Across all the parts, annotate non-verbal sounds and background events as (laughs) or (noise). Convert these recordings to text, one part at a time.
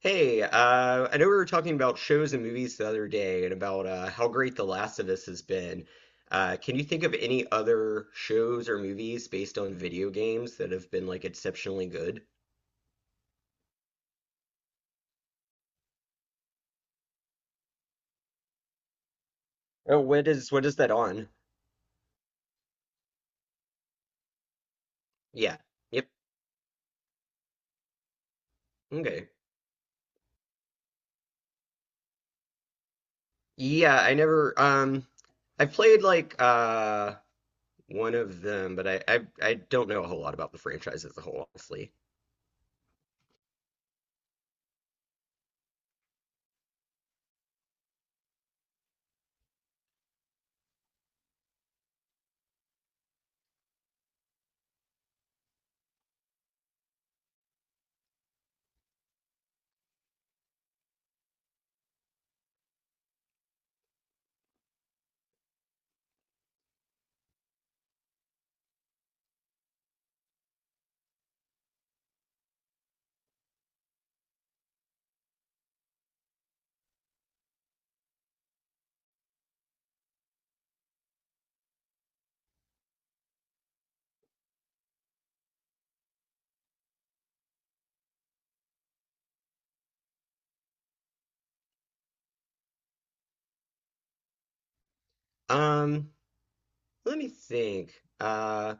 I know we were talking about shows and movies the other day and about how great The Last of Us has been. Can you think of any other shows or movies based on video games that have been like exceptionally good? Oh, what is that on? Yeah. Yep. Okay. Yeah, I never I played like one of them, but I don't know a whole lot about the franchise as a whole, honestly. Um, let me think. Uh,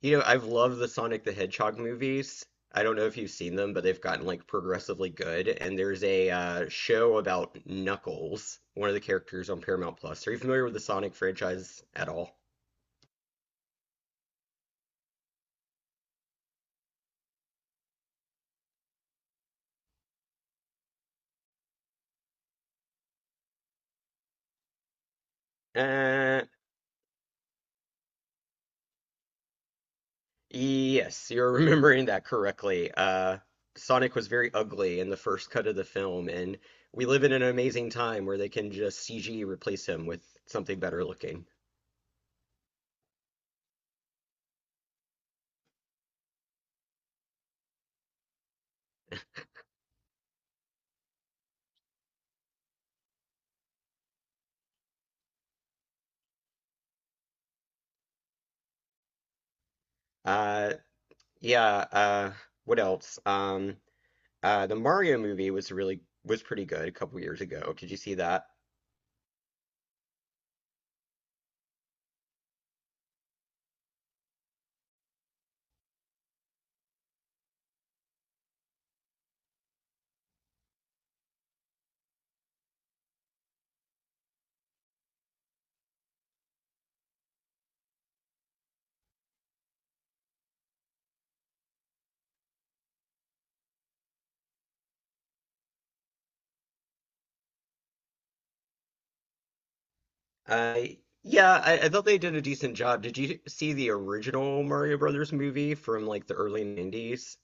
You know, I've loved the Sonic the Hedgehog movies. I don't know if you've seen them, but they've gotten like progressively good. And there's a show about Knuckles, one of the characters on Paramount Plus. Are you familiar with the Sonic franchise at all? Uh, yes, you're (laughs) remembering that correctly. Sonic was very ugly in the first cut of the film, and we live in an amazing time where they can just CG replace him with something better looking. Uh, yeah, uh, what else? Uh, the Mario movie was pretty good a couple years ago. Did you see that? Uh, yeah, I thought they did a decent job. Did you see the original Mario Brothers movie from like the early 90s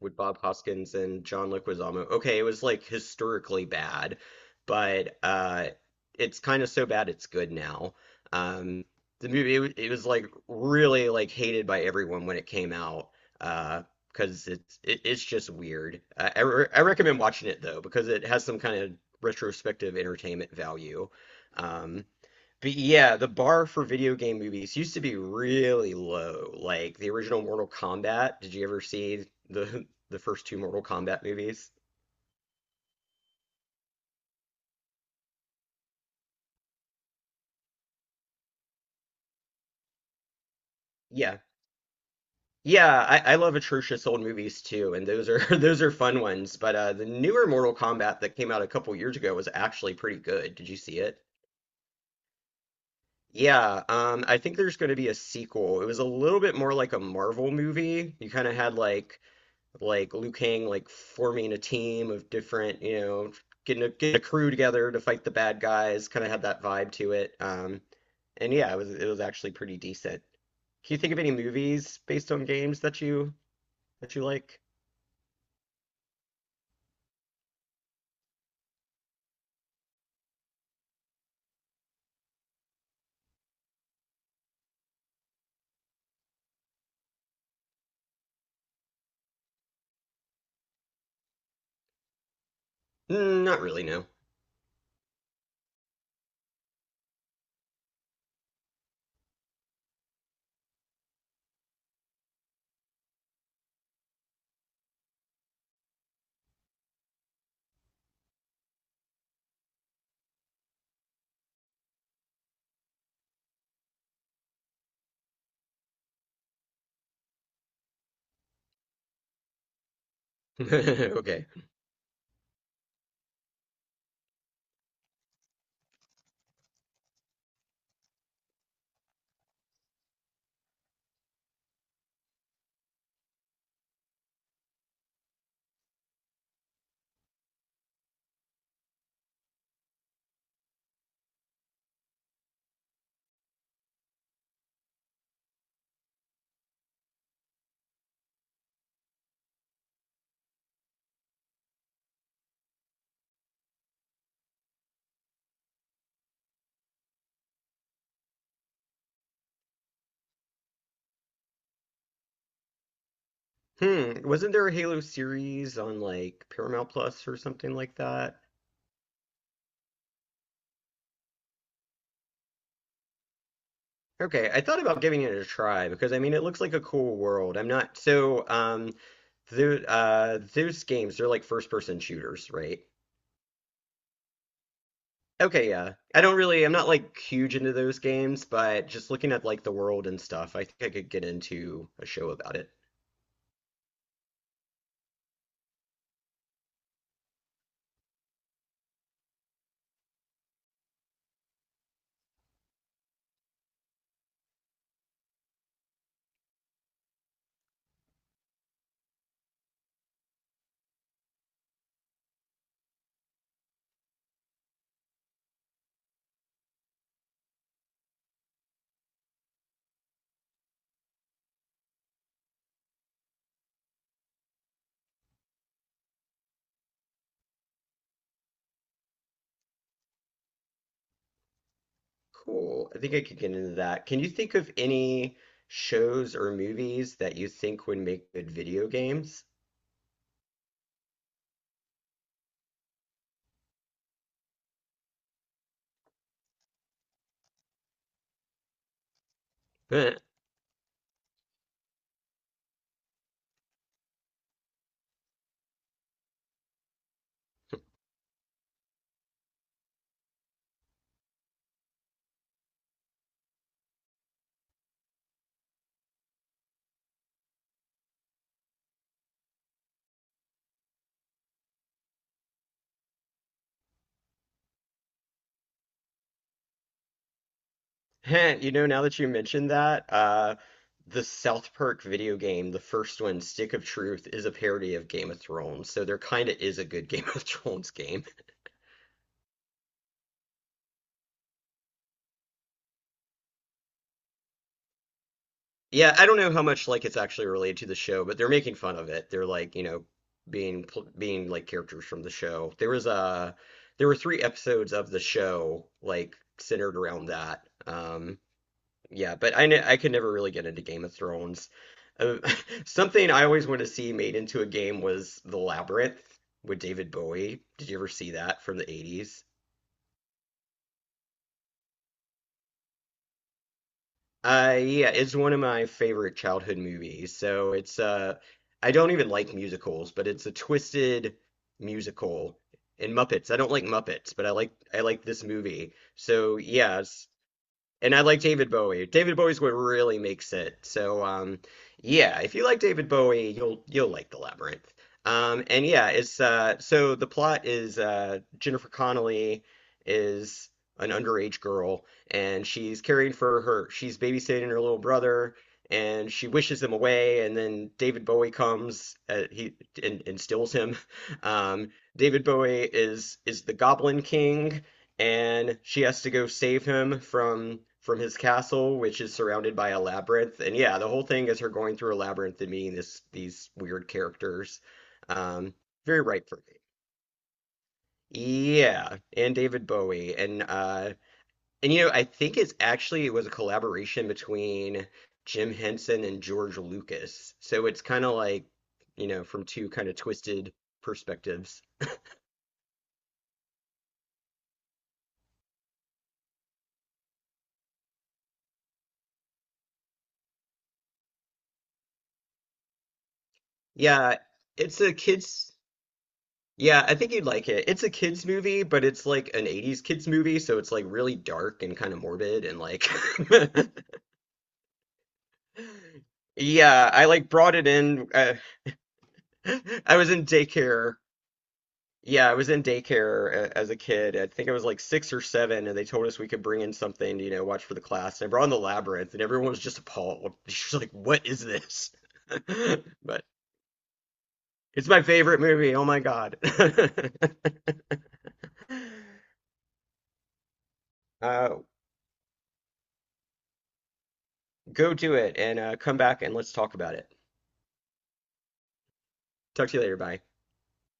with Bob Hoskins and John Leguizamo? Okay, it was like historically bad, but it's kind of so bad it's good now. Um the movie it was like really like hated by everyone when it came out. Uh, because it's just weird. I recommend watching it though because it has some kind of retrospective entertainment value. Um but yeah, the bar for video game movies used to be really low. Like the original Mortal Kombat. Did you ever see the (laughs) the first two Mortal Kombat movies? Yeah. Yeah, I love atrocious old movies too, and those are (laughs) those are fun ones. But the newer Mortal Kombat that came out a couple years ago was actually pretty good. Did you see it? Yeah, I think there's going to be a sequel. It was a little bit more like a Marvel movie. You kind of had like Liu Kang like forming a team of different, you know, getting a, getting a crew together to fight the bad guys. Kind of had that vibe to it. And yeah, it was actually pretty decent. Can you think of any movies based on games that you like? Mm, not really, no. (laughs) Okay. Hmm. Wasn't there a Halo series on like Paramount Plus or something like that? Okay, I thought about giving it a try because I mean it looks like a cool world. I'm not so those games they're like first person shooters, right? Okay, yeah. I don't really I'm not like huge into those games, but just looking at like the world and stuff, I think I could get into a show about it. Cool. I think I could get into that. Can you think of any shows or movies that you think would make good video games? (laughs) (laughs) You know, now that you mentioned that, the South Park video game, the first one, Stick of Truth, is a parody of Game of Thrones. So there kind of is a good (laughs) Game of Thrones game. Yeah, I don't know how much like it's actually related to the show, but they're making fun of it. They're like, you know, being like characters from the show. There was a there were three episodes of the show like centered around that. Yeah, but I could never really get into Game of Thrones. Uh, (laughs) something I always wanted to see made into a game was The Labyrinth with David Bowie. Did you ever see that from the 80s? Yeah, it's one of my favorite childhood movies. So it's I don't even like musicals, but it's a twisted musical. And Muppets. I don't like Muppets, but I like this movie. So yeah, and I like David Bowie. David Bowie's what really makes it. So yeah, if you like David Bowie, you'll like The Labyrinth. And yeah, it's so the plot is Jennifer Connelly is an underage girl, and she's caring for her. She's babysitting her little brother, and she wishes him away. And then David Bowie comes. He and steals him. (laughs) Um, David Bowie is the Goblin King, and she has to go save him from his castle, which is surrounded by a labyrinth. And yeah, the whole thing is her going through a labyrinth and meeting this these weird characters. Um, very ripe for me. Yeah, and David Bowie and you know I think it's actually it was a collaboration between Jim Henson and George Lucas. So it's kind of like, you know, from two kind of twisted perspectives. Yeah, it's a kids Yeah, I think you'd like it. It's a kids movie, but it's like an 80s kids movie, so it's like really dark and kind of morbid and like (laughs) yeah, I like brought it in (laughs) I was in daycare. Yeah, I was in daycare as a kid. I think I was like 6 or 7 and they told us we could bring in something, to, you know, watch for the class. And I brought in The Labyrinth and everyone was just appalled. (laughs) She's like, "What is this?" (laughs) But it's my favorite movie. Oh my God. (laughs) Uh, go do it and come back and let's talk about it. Talk to you later. Bye.